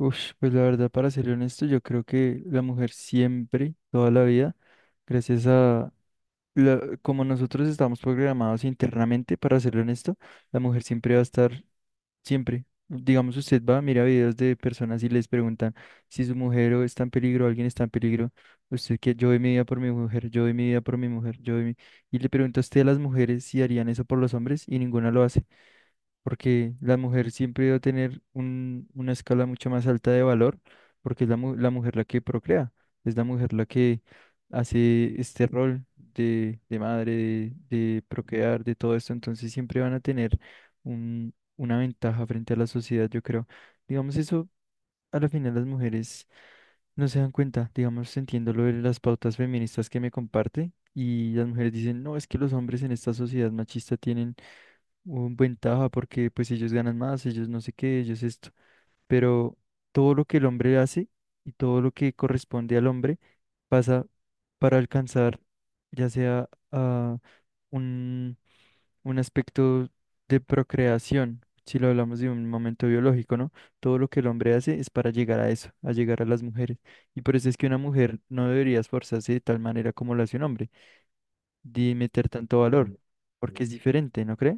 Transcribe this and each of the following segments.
Ush, pues la verdad, para ser honesto, yo creo que la mujer siempre, toda la vida, gracias a como nosotros estamos programados internamente, para ser honesto, la mujer siempre va a estar, siempre. Digamos, usted va, mira videos de personas y les preguntan si su mujer o está en peligro, alguien está en peligro. Usted que yo doy mi vida por mi mujer, yo doy mi vida por mi mujer, yo doy mi... Y le pregunta a usted a las mujeres si harían eso por los hombres y ninguna lo hace porque la mujer siempre va a tener una escala mucho más alta de valor, porque es la mujer la que procrea, es la mujer la que hace este rol de madre, de procrear, de todo esto, entonces siempre van a tener una ventaja frente a la sociedad, yo creo. Digamos eso, a la final las mujeres no se dan cuenta, digamos, entiendo lo de las pautas feministas que me comparte. Y las mujeres dicen, no, es que los hombres en esta sociedad machista tienen un ventaja porque pues ellos ganan más, ellos no sé qué, ellos esto, pero todo lo que el hombre hace y todo lo que corresponde al hombre pasa para alcanzar ya sea a un, un aspecto de procreación, si lo hablamos de un momento biológico, ¿no? Todo lo que el hombre hace es para llegar a eso, a llegar a las mujeres. Y por eso es que una mujer no debería esforzarse de tal manera como lo hace un hombre, de meter tanto valor, porque es diferente, ¿no cree?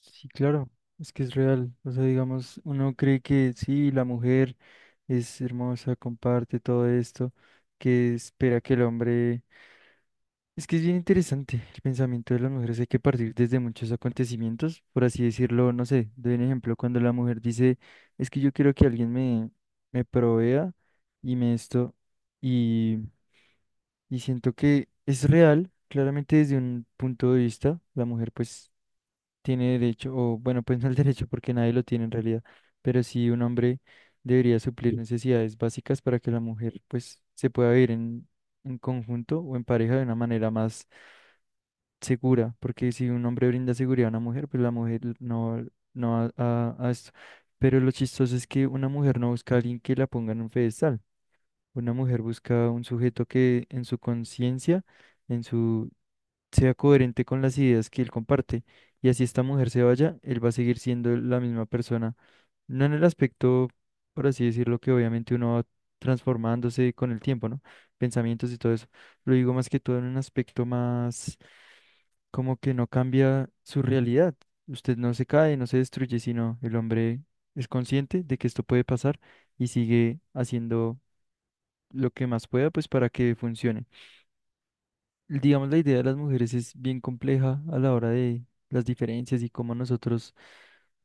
Sí, claro, es que es real. O sea, digamos, uno cree que sí, la mujer es hermosa, comparte todo esto, que espera que el hombre... Es que es bien interesante el pensamiento de las mujeres. Hay que partir desde muchos acontecimientos, por así decirlo, no sé, doy un ejemplo, cuando la mujer dice, es que yo quiero que alguien me provea y me esto, y, y siento que es real, claramente desde un punto de vista, la mujer pues tiene derecho, o bueno, pues no el derecho porque nadie lo tiene en realidad, pero sí un hombre debería suplir necesidades básicas para que la mujer pues se pueda vivir en conjunto o en pareja de una manera más segura, porque si un hombre brinda seguridad a una mujer, pues la mujer no va a esto. Pero lo chistoso es que una mujer no busca a alguien que la ponga en un pedestal, una mujer busca un sujeto que en su conciencia, en su sea coherente con las ideas que él comparte. Y así esta mujer se vaya, él va a seguir siendo la misma persona. No en el aspecto, por así decirlo, que obviamente uno va transformándose con el tiempo, ¿no? Pensamientos y todo eso. Lo digo más que todo en un aspecto más como que no cambia su realidad. Usted no se cae, no se destruye, sino el hombre es consciente de que esto puede pasar y sigue haciendo lo que más pueda, pues para que funcione digamos, la idea de las mujeres es bien compleja a la hora de las diferencias y cómo nosotros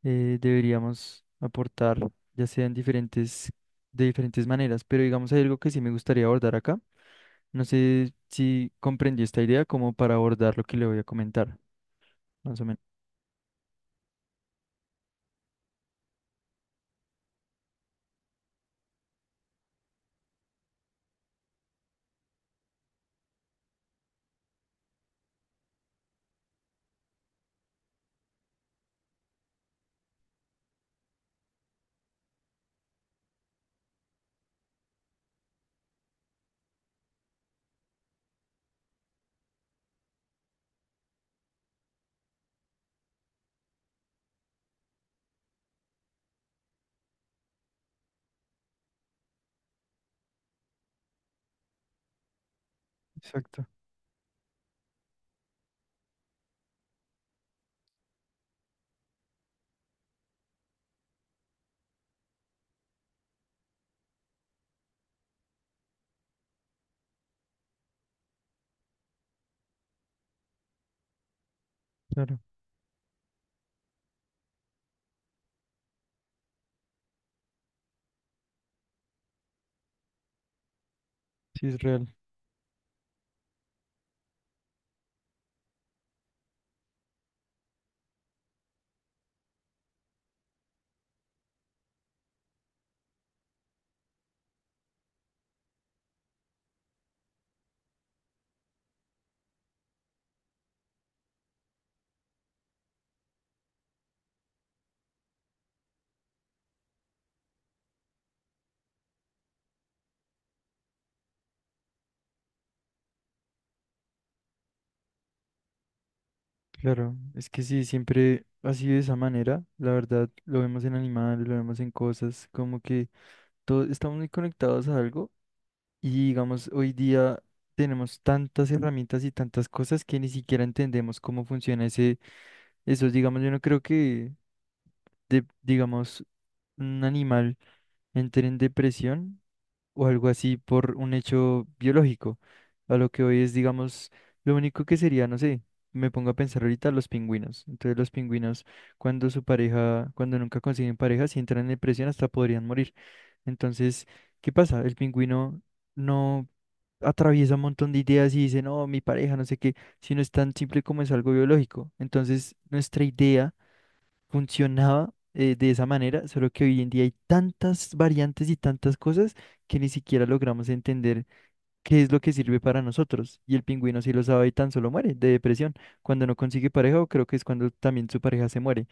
deberíamos aportar, ya sean diferentes, de diferentes maneras. Pero digamos, hay algo que sí me gustaría abordar acá. No sé si comprendió esta idea como para abordar lo que le voy a comentar, más o menos. Exacto, claro, sí es real. Claro, es que sí, siempre ha sido de esa manera. La verdad, lo vemos en animales, lo vemos en cosas, como que todo, estamos muy conectados a algo. Y digamos, hoy día tenemos tantas herramientas y tantas cosas que ni siquiera entendemos cómo funciona eso. Digamos, yo no creo digamos, un animal entre en depresión o algo así por un hecho biológico. A lo que hoy es, digamos, lo único que sería, no sé, me pongo a pensar ahorita los pingüinos. Entonces los pingüinos, cuando su pareja, cuando nunca consiguen pareja, si entran en depresión hasta podrían morir. Entonces, ¿qué pasa? El pingüino no atraviesa un montón de ideas y dice, no, mi pareja, no sé qué, si no es tan simple como es algo biológico. Entonces, nuestra idea funcionaba de esa manera, solo que hoy en día hay tantas variantes y tantas cosas que ni siquiera logramos entender qué es lo que sirve para nosotros. Y el pingüino sí lo sabe y tan solo muere de depresión. Cuando no consigue pareja, o creo que es cuando también su pareja se muere.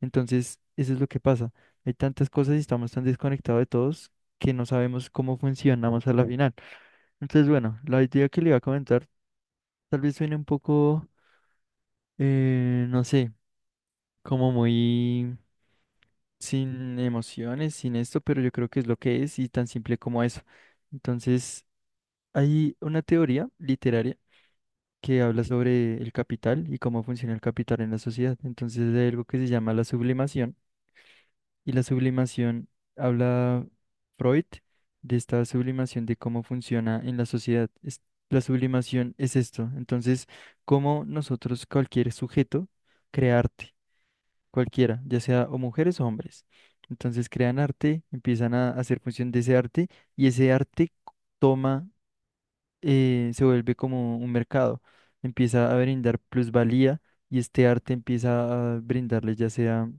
Entonces, eso es lo que pasa. Hay tantas cosas y estamos tan desconectados de todos que no sabemos cómo funcionamos a la final. Entonces, bueno, la idea que le iba a comentar tal vez suene un poco, no sé, como muy sin emociones, sin esto, pero yo creo que es lo que es y tan simple como eso. Entonces, hay una teoría literaria que habla sobre el capital y cómo funciona el capital en la sociedad. Entonces, hay algo que se llama la sublimación. Y la sublimación, habla Freud de esta sublimación de cómo funciona en la sociedad. La sublimación es esto. Entonces, cómo nosotros, cualquier sujeto, crea arte, cualquiera, ya sea o mujeres o hombres. Entonces, crean arte, empiezan a hacer función de ese arte y ese toma, se vuelve como un mercado. Empieza a brindar plusvalía y este arte empieza a brindarle ya sea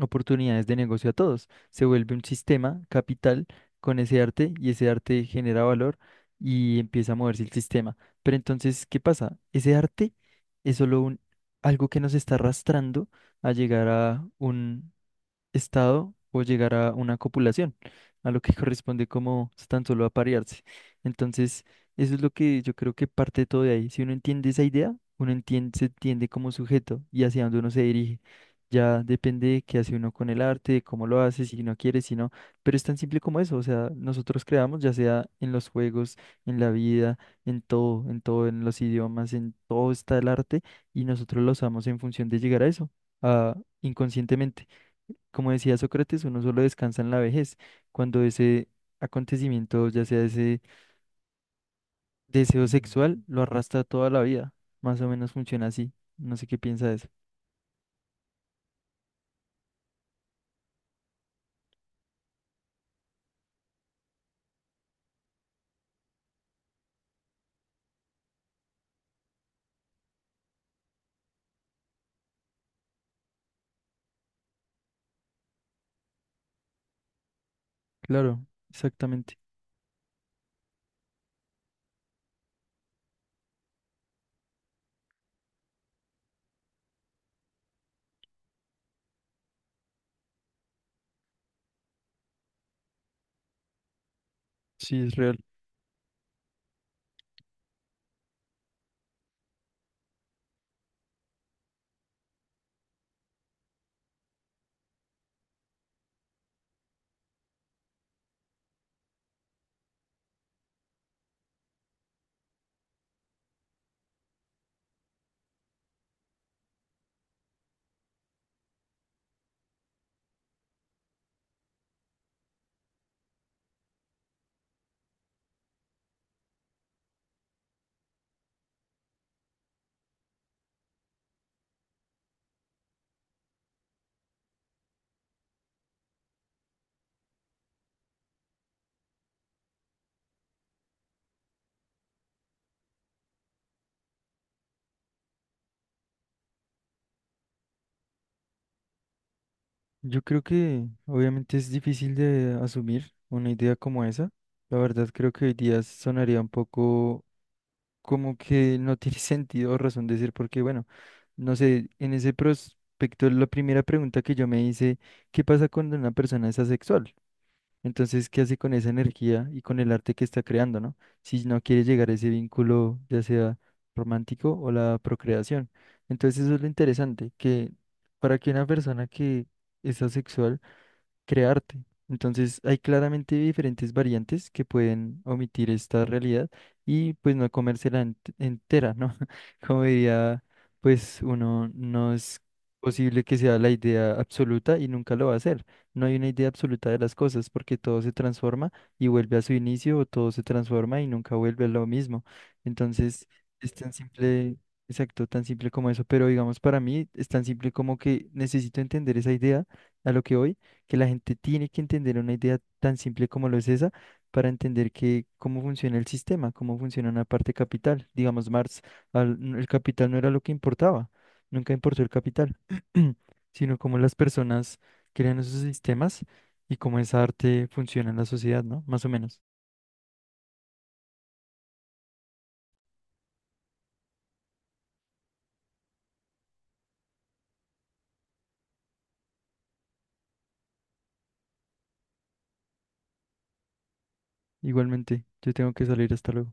oportunidades de negocio a todos. Se vuelve un sistema capital con ese arte y ese arte genera valor y empieza a moverse el sistema. Pero entonces, ¿qué pasa? Ese arte es solo algo que nos está arrastrando a llegar a estado o llegar a una copulación, a lo que corresponde como tan solo aparearse. Entonces, eso es lo que yo creo que parte todo de ahí. Si uno entiende esa idea, uno entiende, se entiende como sujeto y hacia dónde uno se dirige. Ya depende de qué hace uno con el arte, de cómo lo hace, si no quiere, si no. Pero es tan simple como eso. O sea, nosotros creamos, ya sea en los juegos, en la vida, en todo, en todo, en los idiomas, en todo está el arte y nosotros lo usamos en función de llegar a eso, a inconscientemente. Como decía Sócrates, uno solo descansa en la vejez, cuando ese acontecimiento, ya sea ese deseo sexual, lo arrastra toda la vida. Más o menos funciona así. No sé qué piensa de eso. Claro, exactamente. Sí, es real. Yo creo que obviamente es difícil de asumir una idea como esa. La verdad creo que hoy día sonaría un poco como que no tiene sentido o razón decir porque, bueno, no sé, en ese prospecto la primera pregunta que yo me hice, ¿qué pasa cuando una persona es asexual? Entonces, ¿qué hace con esa energía y con el arte que está creando, ¿no? Si no quiere llegar a ese vínculo, ya sea romántico o la procreación. Entonces, eso es lo interesante, que para que una persona que es asexual, crearte. Entonces, hay claramente diferentes variantes que pueden omitir esta realidad y pues no comérsela entera, ¿no? Como diría, pues uno no es posible que sea la idea absoluta y nunca lo va a hacer. No hay una idea absoluta de las cosas porque todo se transforma y vuelve a su inicio o todo se transforma y nunca vuelve a lo mismo. Entonces, es tan simple, exacto, tan simple como eso, pero digamos para mí es tan simple como que necesito entender esa idea a lo que voy que la gente tiene que entender una idea tan simple como lo es esa para entender que cómo funciona el sistema, cómo funciona una parte capital. Digamos, Marx, el capital no era lo que importaba, nunca importó el capital, sino cómo las personas crean esos sistemas y cómo esa arte funciona en la sociedad, ¿no? Más o menos. Igualmente, yo tengo que salir hasta luego.